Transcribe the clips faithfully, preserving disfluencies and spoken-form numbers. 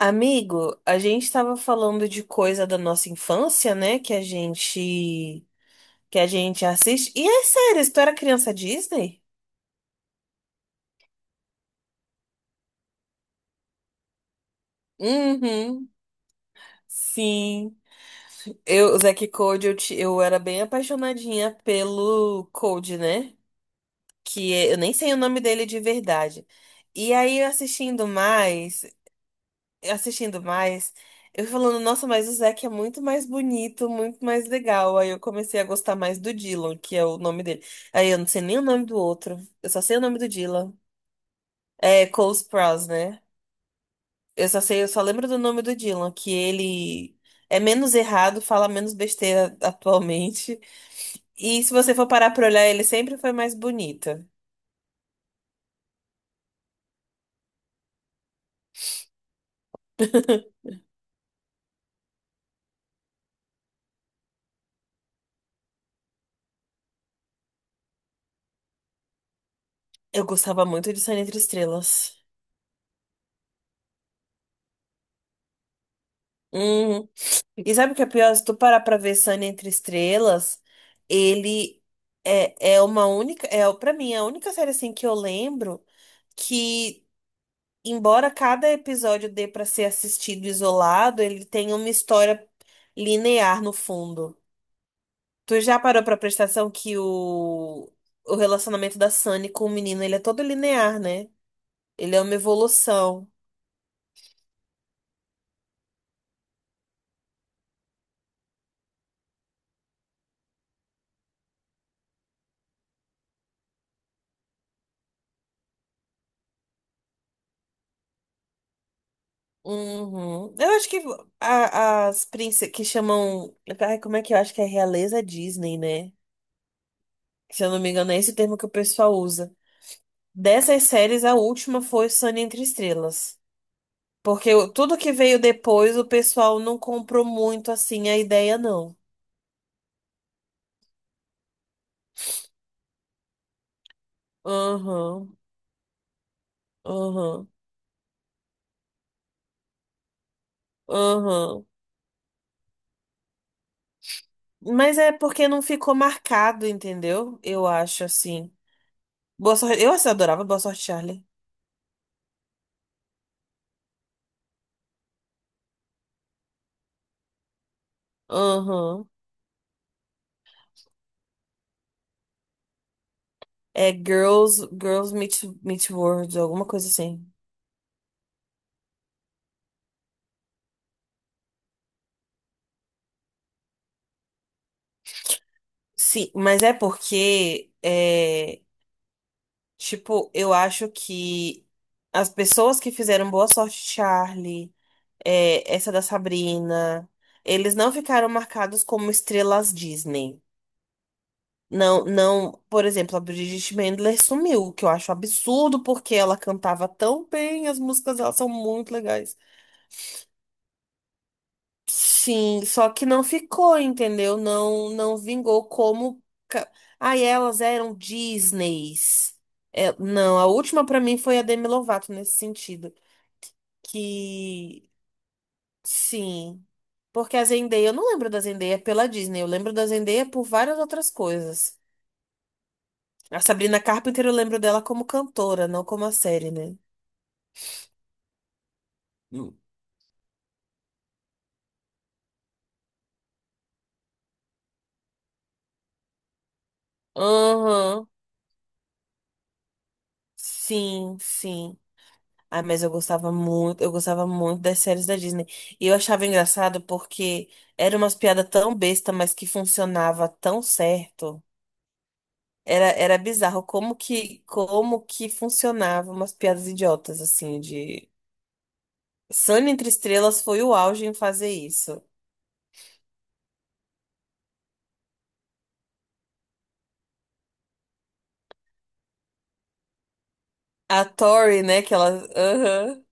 Amigo, a gente estava falando de coisa da nossa infância, né? Que a gente que a gente assiste. E é sério, se tu era criança Disney? Uhum. Sim. Eu, o Zack e Cody, eu, ti- eu era bem apaixonadinha pelo Cody, né? Que é- eu nem sei o nome dele de verdade. E aí, assistindo mais, assistindo mais, eu falando, nossa, mas o Zac é muito mais bonito, muito mais legal. Aí eu comecei a gostar mais do Dylan, que é o nome dele. Aí eu não sei nem o nome do outro. Eu só sei o nome do Dylan. É Cole Sprouse, né? Eu só sei, eu só lembro do nome do Dylan, que ele é menos errado, fala menos besteira atualmente. E se você for parar pra olhar, ele sempre foi mais bonito. Eu gostava muito de Sonho Entre Estrelas. Uhum. E sabe o que é pior? Se tu parar pra ver Sunny Entre Estrelas, ele é, é uma única, é para mim, é a única série assim que eu lembro que, embora cada episódio dê pra ser assistido isolado, ele tem uma história linear no fundo. Tu já parou pra prestar atenção que o, o relacionamento da Sunny com o menino, ele é todo linear, né? Ele é uma evolução. Uhum. Eu acho que a- as princesas que chamam. Ai, como é que eu acho que é realeza Disney, né? Se eu não me engano, é esse o termo que o pessoal usa. Dessas séries, a última foi Sunny Entre Estrelas. Porque o- tudo que veio depois, o pessoal não comprou muito assim a ideia, não. Aham, aham, aham. Mas é porque não ficou marcado, entendeu? Eu acho assim. Boa sorte. Eu assim, adorava Boa Sorte, Charlie. Aham. É Girls, Girls Meet, Meet World, alguma coisa assim. Sim, mas é porque, é, tipo, eu acho que as pessoas que fizeram Boa Sorte Charlie, é, essa da Sabrina, eles não ficaram marcados como estrelas Disney. Não, não, por exemplo, a Bridget Mendler sumiu, o que eu acho absurdo porque ela cantava tão bem, as músicas dela são muito legais. Sim, só que não ficou, entendeu? Não, não vingou como. ca- Ai, elas eram Disneys. É, não, a última pra mim foi a Demi Lovato nesse sentido. Que sim, porque a Zendaya, eu não lembro da Zendaya pela Disney, eu lembro da Zendaya por várias outras coisas. A Sabrina Carpenter eu lembro dela como cantora, não como a série, né? Não. Aham. Sim, sim. Ah, mas eu gostava muito, eu gostava muito das séries da Disney. E eu achava engraçado porque era umas piadas tão besta, mas que funcionava tão certo. Era, era bizarro como que como que funcionava umas piadas idiotas assim de Sunny entre estrelas foi o auge em fazer isso. A Tori, né, que ela, aham.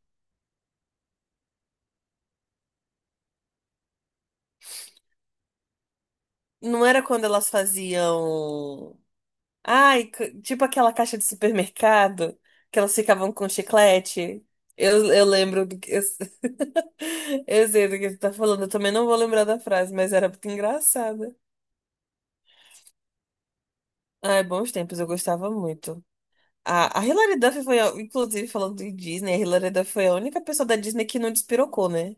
Não era quando elas faziam. Ai, c- tipo aquela caixa de supermercado que elas ficavam com chiclete. Eu, eu lembro do que. Eu, eu sei do que você tá falando. Eu também não vou lembrar da frase, mas era muito engraçada. Ai, bons tempos, eu gostava muito. A, a Hilary Duff foi, a- inclusive, falando de Disney, a Hilary Duff foi a única pessoa da Disney que não despirocou, né?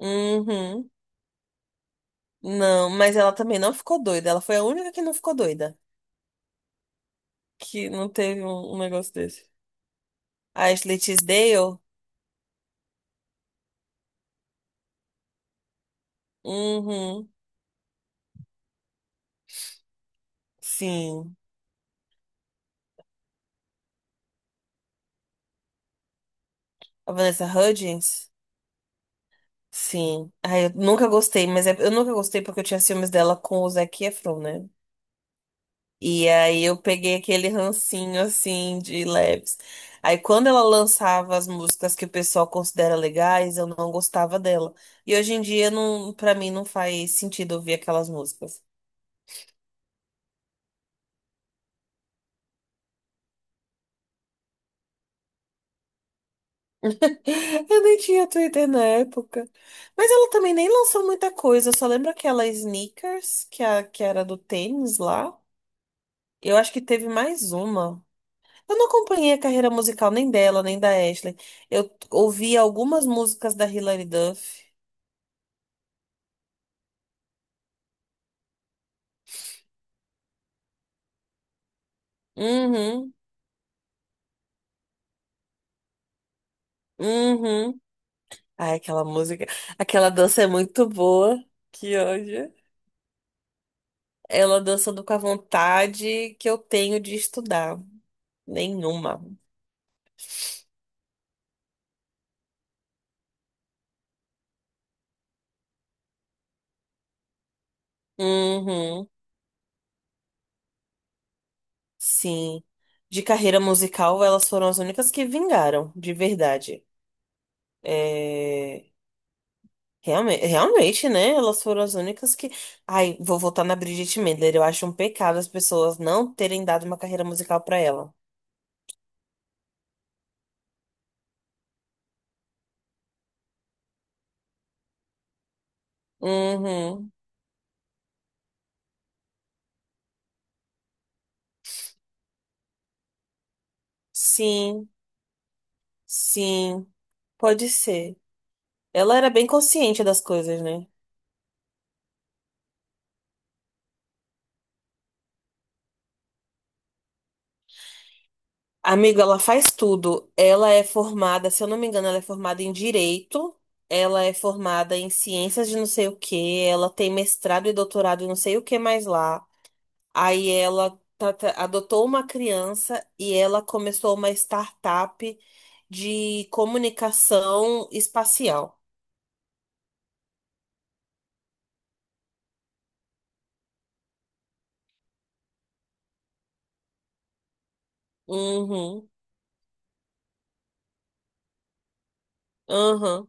Uhum. Não, mas ela também não ficou doida. Ela foi a única que não ficou doida. Que não teve um, um negócio desse. A Ashley Tisdale. Uhum. Sim. A Vanessa Hudgens? Sim. Ai, eu nunca gostei, mas é- eu nunca gostei porque eu tinha ciúmes dela com o Zac Efron, né? E aí eu peguei aquele rancinho assim de leves. Aí quando ela lançava as músicas que o pessoal considera legais, eu não gostava dela. E hoje em dia não, para mim não faz sentido ouvir aquelas músicas. Eu nem tinha Twitter na época. Mas ela também nem lançou muita coisa. Eu só lembro aquela Sneakers, que, a, que era do tênis lá. Eu acho que teve mais uma. Eu não acompanhei a carreira musical nem dela, nem da Ashley. Eu t- ouvi algumas músicas da Hilary Duff. Uhum, uhum. Ai, aquela música, aquela dança é muito boa. Que ódio. Ela dançando com a vontade que eu tenho de estudar. Nenhuma. Uhum, sim. De carreira musical, elas foram as únicas que vingaram, de verdade. É. Realmente, realmente, né? Elas foram as únicas que. Ai, vou voltar na Bridget Mendler. Eu acho um pecado as pessoas não terem dado uma carreira musical pra ela. Uhum. Sim, sim. Pode ser. Ela era bem consciente das coisas, né? Amigo, ela faz tudo. Ela é formada, se eu não me engano, ela é formada em direito. Ela é formada em ciências de não sei o que Ela tem mestrado e doutorado em não sei o que mais lá. Aí ela tá- tá- adotou uma criança e ela começou uma startup de comunicação espacial. Uhum, uhum.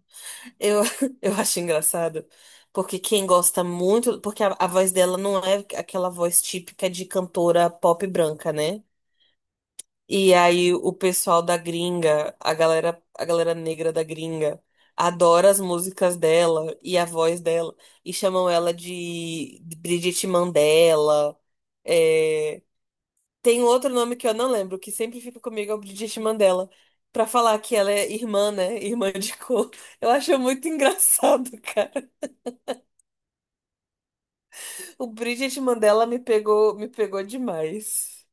Eu, eu acho engraçado, porque quem gosta muito, porque a, a voz dela não é aquela voz típica de cantora pop branca, né? E aí o pessoal da gringa, a galera, a galera negra da gringa, adora as músicas dela e a voz dela e chamam ela de Bridget Mandela. É. Tem um outro nome que eu não lembro, que sempre fica comigo é o Bridget Mandela, pra falar que ela é irmã, né? Irmã de cor. Eu acho muito engraçado, cara. O Bridget Mandela me pegou, me pegou demais.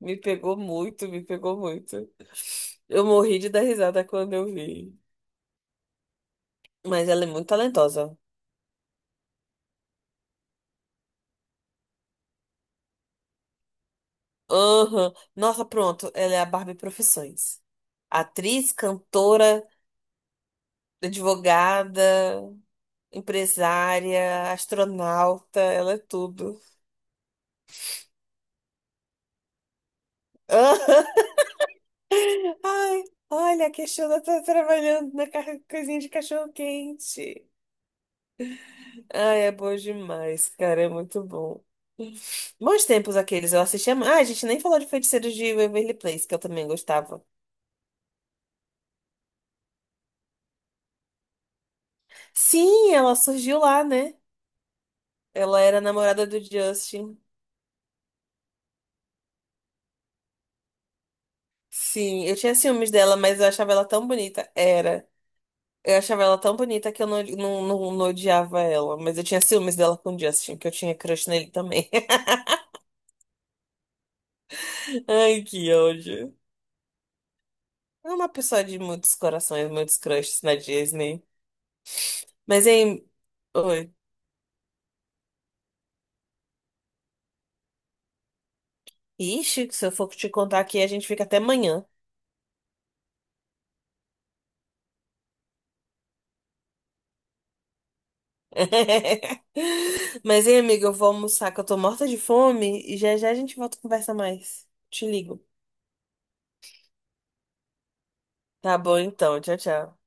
Me pegou muito, me pegou muito. Eu morri de dar risada quando eu vi. Mas ela é muito talentosa. Aham. Nossa, pronto. Ela é a Barbie Profissões. Atriz, cantora, advogada, empresária, astronauta. Ela é tudo. Aham. Ai, olha, a questiona tá trabalhando na ca- coisinha de cachorro-quente. Ah, é bom demais, cara, é muito bom. Bons tempos aqueles, eu assistia. mu- Ah, a gente nem falou de Feiticeiros de Waverly Place, que eu também gostava. Sim, ela surgiu lá, né? Ela era namorada do Justin. Sim, eu tinha ciúmes dela, mas eu achava ela tão bonita. Era. Eu achava ela tão bonita que eu não, não, não, não odiava ela. Mas eu tinha ciúmes dela com o Justin, que eu tinha crush nele também. Ai, que ódio. É uma pessoa de muitos corações, muitos crushes na Disney. Mas, hein? Oi. Ixi, se eu for te contar aqui, a gente fica até amanhã. Mas, hein, amiga, eu vou almoçar que eu tô morta de fome e já já a gente volta a conversar mais. Te ligo. Tá bom, então. Tchau, tchau.